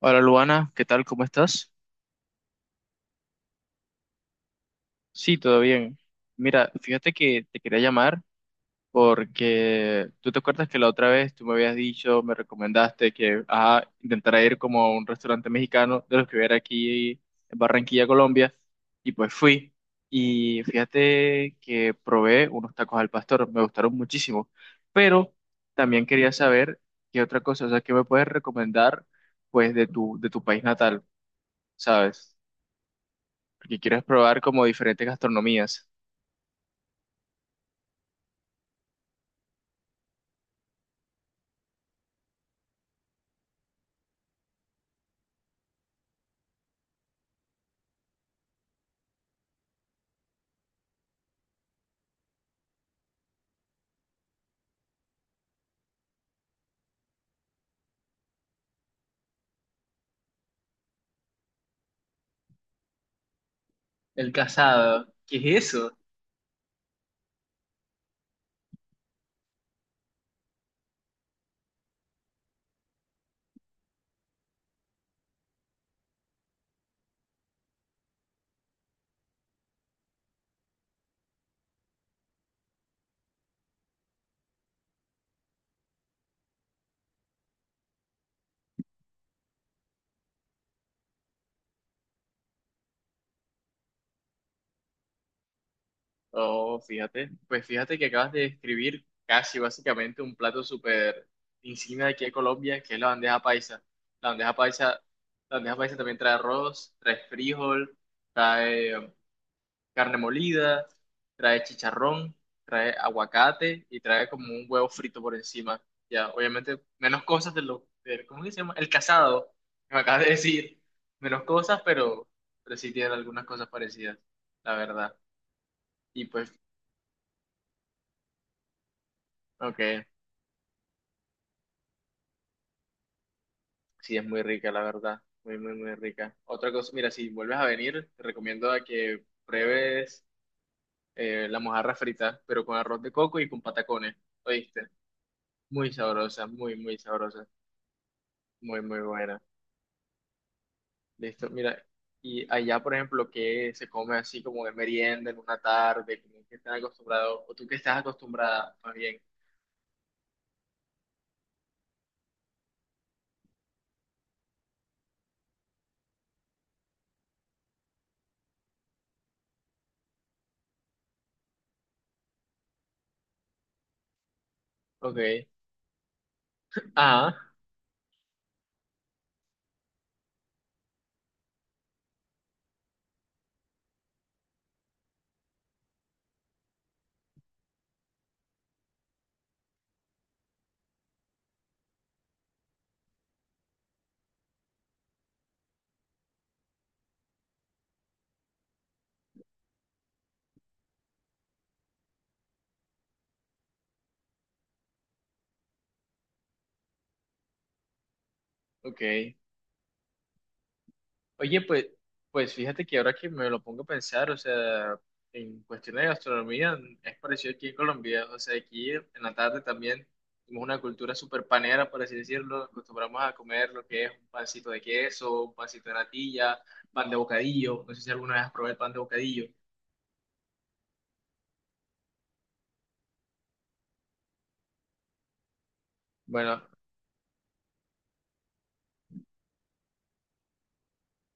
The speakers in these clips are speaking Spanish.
Hola Luana, ¿qué tal? ¿Cómo estás? Sí, todo bien. Mira, fíjate que te quería llamar porque tú te acuerdas que la otra vez tú me habías dicho, me recomendaste que intentara ir como a un restaurante mexicano de los que hubiera aquí en Barranquilla, Colombia, y pues fui. Y fíjate que probé unos tacos al pastor, me gustaron muchísimo, pero también quería saber qué otra cosa, o sea, qué me puedes recomendar pues de tu país natal, ¿sabes? Porque quieres probar como diferentes gastronomías. El casado. ¿Qué es eso? Oh, fíjate, pues fíjate que acabas de describir casi básicamente un plato súper insignia de aquí de Colombia, que es la bandeja paisa. La bandeja paisa, la bandeja paisa también trae arroz, trae frijol, trae carne molida, trae chicharrón, trae aguacate y trae como un huevo frito por encima. Ya, obviamente, menos cosas ¿cómo que se llama? El casado, que me acabas de decir. Menos cosas, pero sí tienen algunas cosas parecidas, la verdad. Y pues, ok, sí, es muy rica, la verdad. Muy, muy, muy rica. Otra cosa, mira, si vuelves a venir, te recomiendo a que pruebes la mojarra frita, pero con arroz de coco y con patacones, ¿oíste? Muy sabrosa, muy, muy sabrosa. Muy, muy buena. Listo, mira, y allá, por ejemplo, que se come así como de merienda en una tarde, como que están acostumbrados, o tú que estás acostumbrada, más bien. Ok. Ah, ok. Oye, pues, pues fíjate que ahora que me lo pongo a pensar, o sea, en cuestiones de gastronomía, es parecido aquí en Colombia, o sea, aquí en la tarde también tenemos una cultura súper panera, por así decirlo, acostumbramos a comer lo que es un pancito de queso, un pancito de natilla, pan de bocadillo, no sé si alguna vez has probado el pan de bocadillo. Bueno,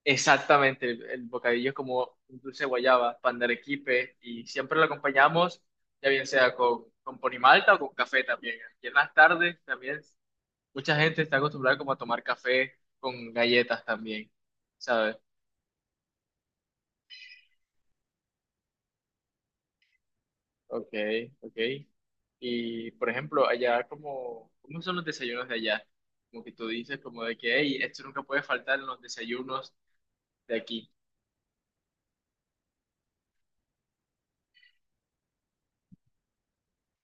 exactamente, el bocadillo es como un dulce de guayaba, pan de arequipe, y siempre lo acompañamos, ya bien sea con ponimalta o con café también. Aquí en las tardes también mucha gente está acostumbrada como a tomar café con galletas también, ¿sabes? Ok, ok. Y, por ejemplo, allá como, ¿cómo son los desayunos de allá? Como que tú dices como de que, hey, esto nunca puede faltar en los desayunos de aquí.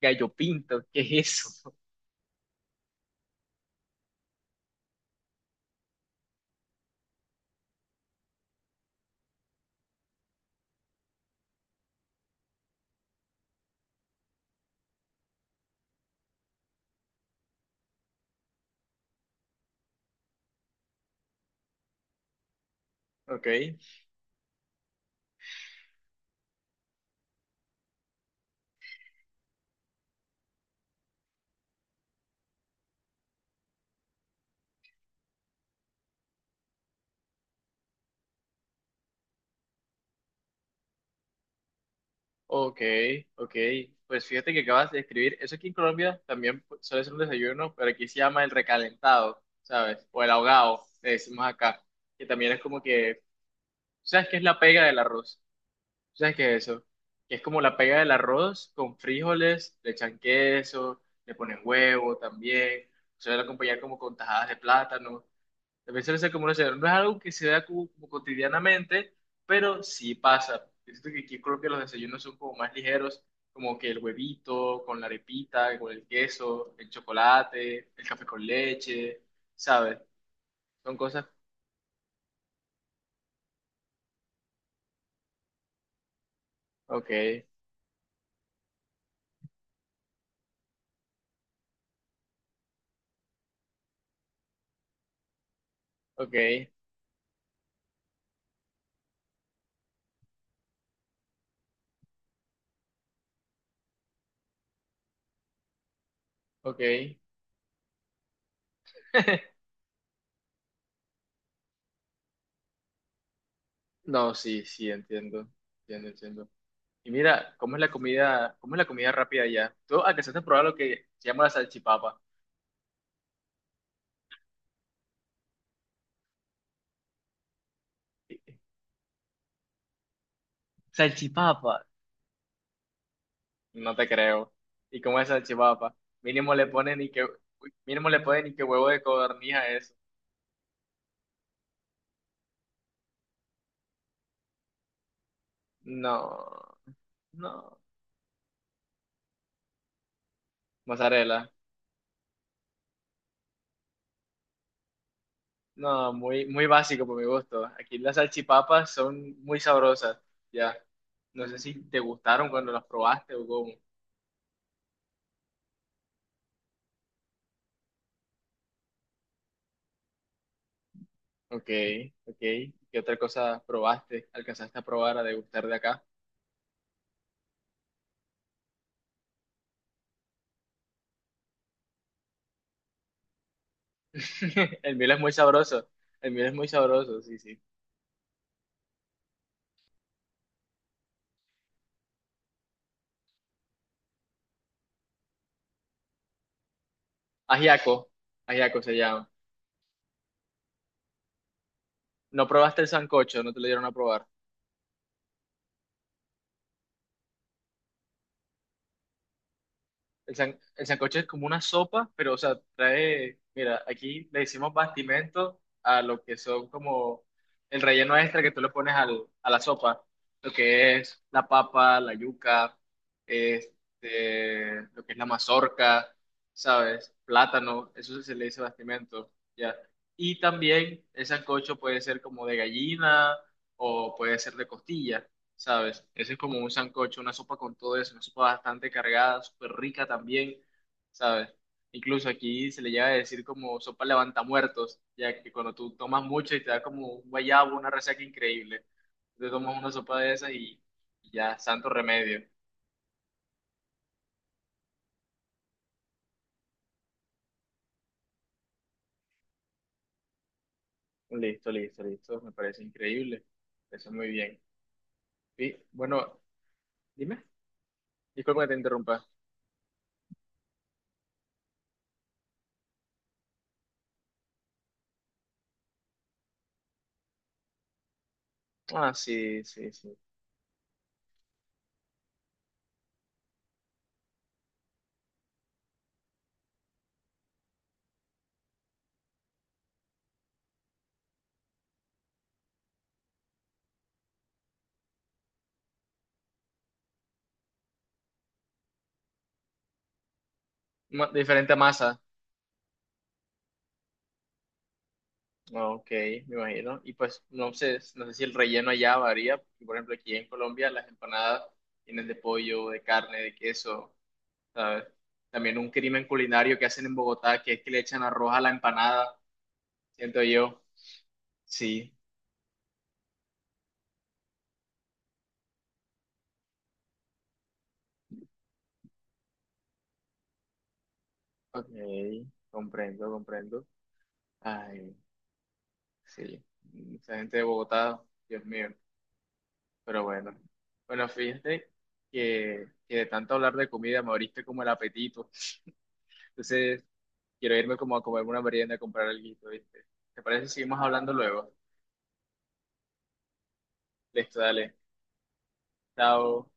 Gallo pinto, ¿qué es eso? Ok. Ok, ok. Pues fíjate que acabas de escribir, eso aquí en Colombia también suele ser un desayuno, pero aquí se llama el recalentado, ¿sabes? O el ahogado, le decimos acá, que también es como que, ¿tú sabes qué es la pega del arroz? ¿Tú sabes qué es eso? Que es como la pega del arroz con frijoles, le echan queso, le ponen huevo también, suele acompañar como con tajadas de plátano. La violencia es como una señal. No es algo que se da como, como cotidianamente, pero sí pasa. Siento que aquí creo que los desayunos son como más ligeros, como que el huevito con la arepita, con el queso, el chocolate, el café con leche, ¿sabes? Son cosas... Ok, ok, ok. No, sí, sí, entiendo, entiendo, entiendo. Y mira, ¿cómo es la comida, cómo es la comida rápida allá? Tú alcanzaste a probar lo que se llama la salchipapa. Salchipapa, no te creo. ¿Y cómo es salchipapa? Mínimo le ponen ni que, uy, mínimo le ponen ni que huevo de codorniz a eso. No, no. Mozzarella. No, muy, muy básico por mi gusto. Aquí las salchipapas son muy sabrosas. Ya. No sé si te gustaron cuando las probaste o cómo. Ok, ok. ¿Qué otra cosa probaste? ¿Alcanzaste a probar a degustar de acá? El miel es muy sabroso. El miel es muy sabroso, sí, sí. Ajiaco. Ajiaco se llama. No probaste el sancocho, no te lo dieron a probar. El sancocho es como una sopa, pero, o sea, trae, mira, aquí le decimos bastimento a lo que son como el relleno extra que tú le pones al, a la sopa, lo que es la papa, la yuca, este, lo que es la mazorca, ¿sabes? Plátano, eso se le dice bastimento, ¿ya? Y también el sancocho puede ser como de gallina o puede ser de costilla. ¿Sabes? Ese es como un sancocho, una sopa con todo eso, una sopa bastante cargada, súper rica también, ¿sabes? Incluso aquí se le llega a decir como sopa levantamuertos, ya que cuando tú tomas mucho y te da como un guayabo, una resaca increíble, te tomas una sopa de esas y ya, santo remedio. Listo, listo, listo, me parece increíble, eso muy bien. Y, bueno, dime, disculpa que te interrumpa. Ah, sí, sí, sí. Diferente masa. Ah, ok, me imagino. Y pues no sé, no sé si el relleno allá varía. Porque, por ejemplo, aquí en Colombia las empanadas tienen de pollo, de carne, de queso, ¿sabes? También un crimen culinario que hacen en Bogotá, que es que le echan arroz a la empanada, siento yo. Sí, ok, comprendo, comprendo. Ay, sí, esa gente de Bogotá, Dios mío. Pero bueno, bueno, fíjate que de tanto hablar de comida me abriste como el apetito. Entonces... Quiero irme como a comer una merienda, a comprar algo, ¿viste? ¿Te parece si seguimos hablando luego? Listo, dale. Chao.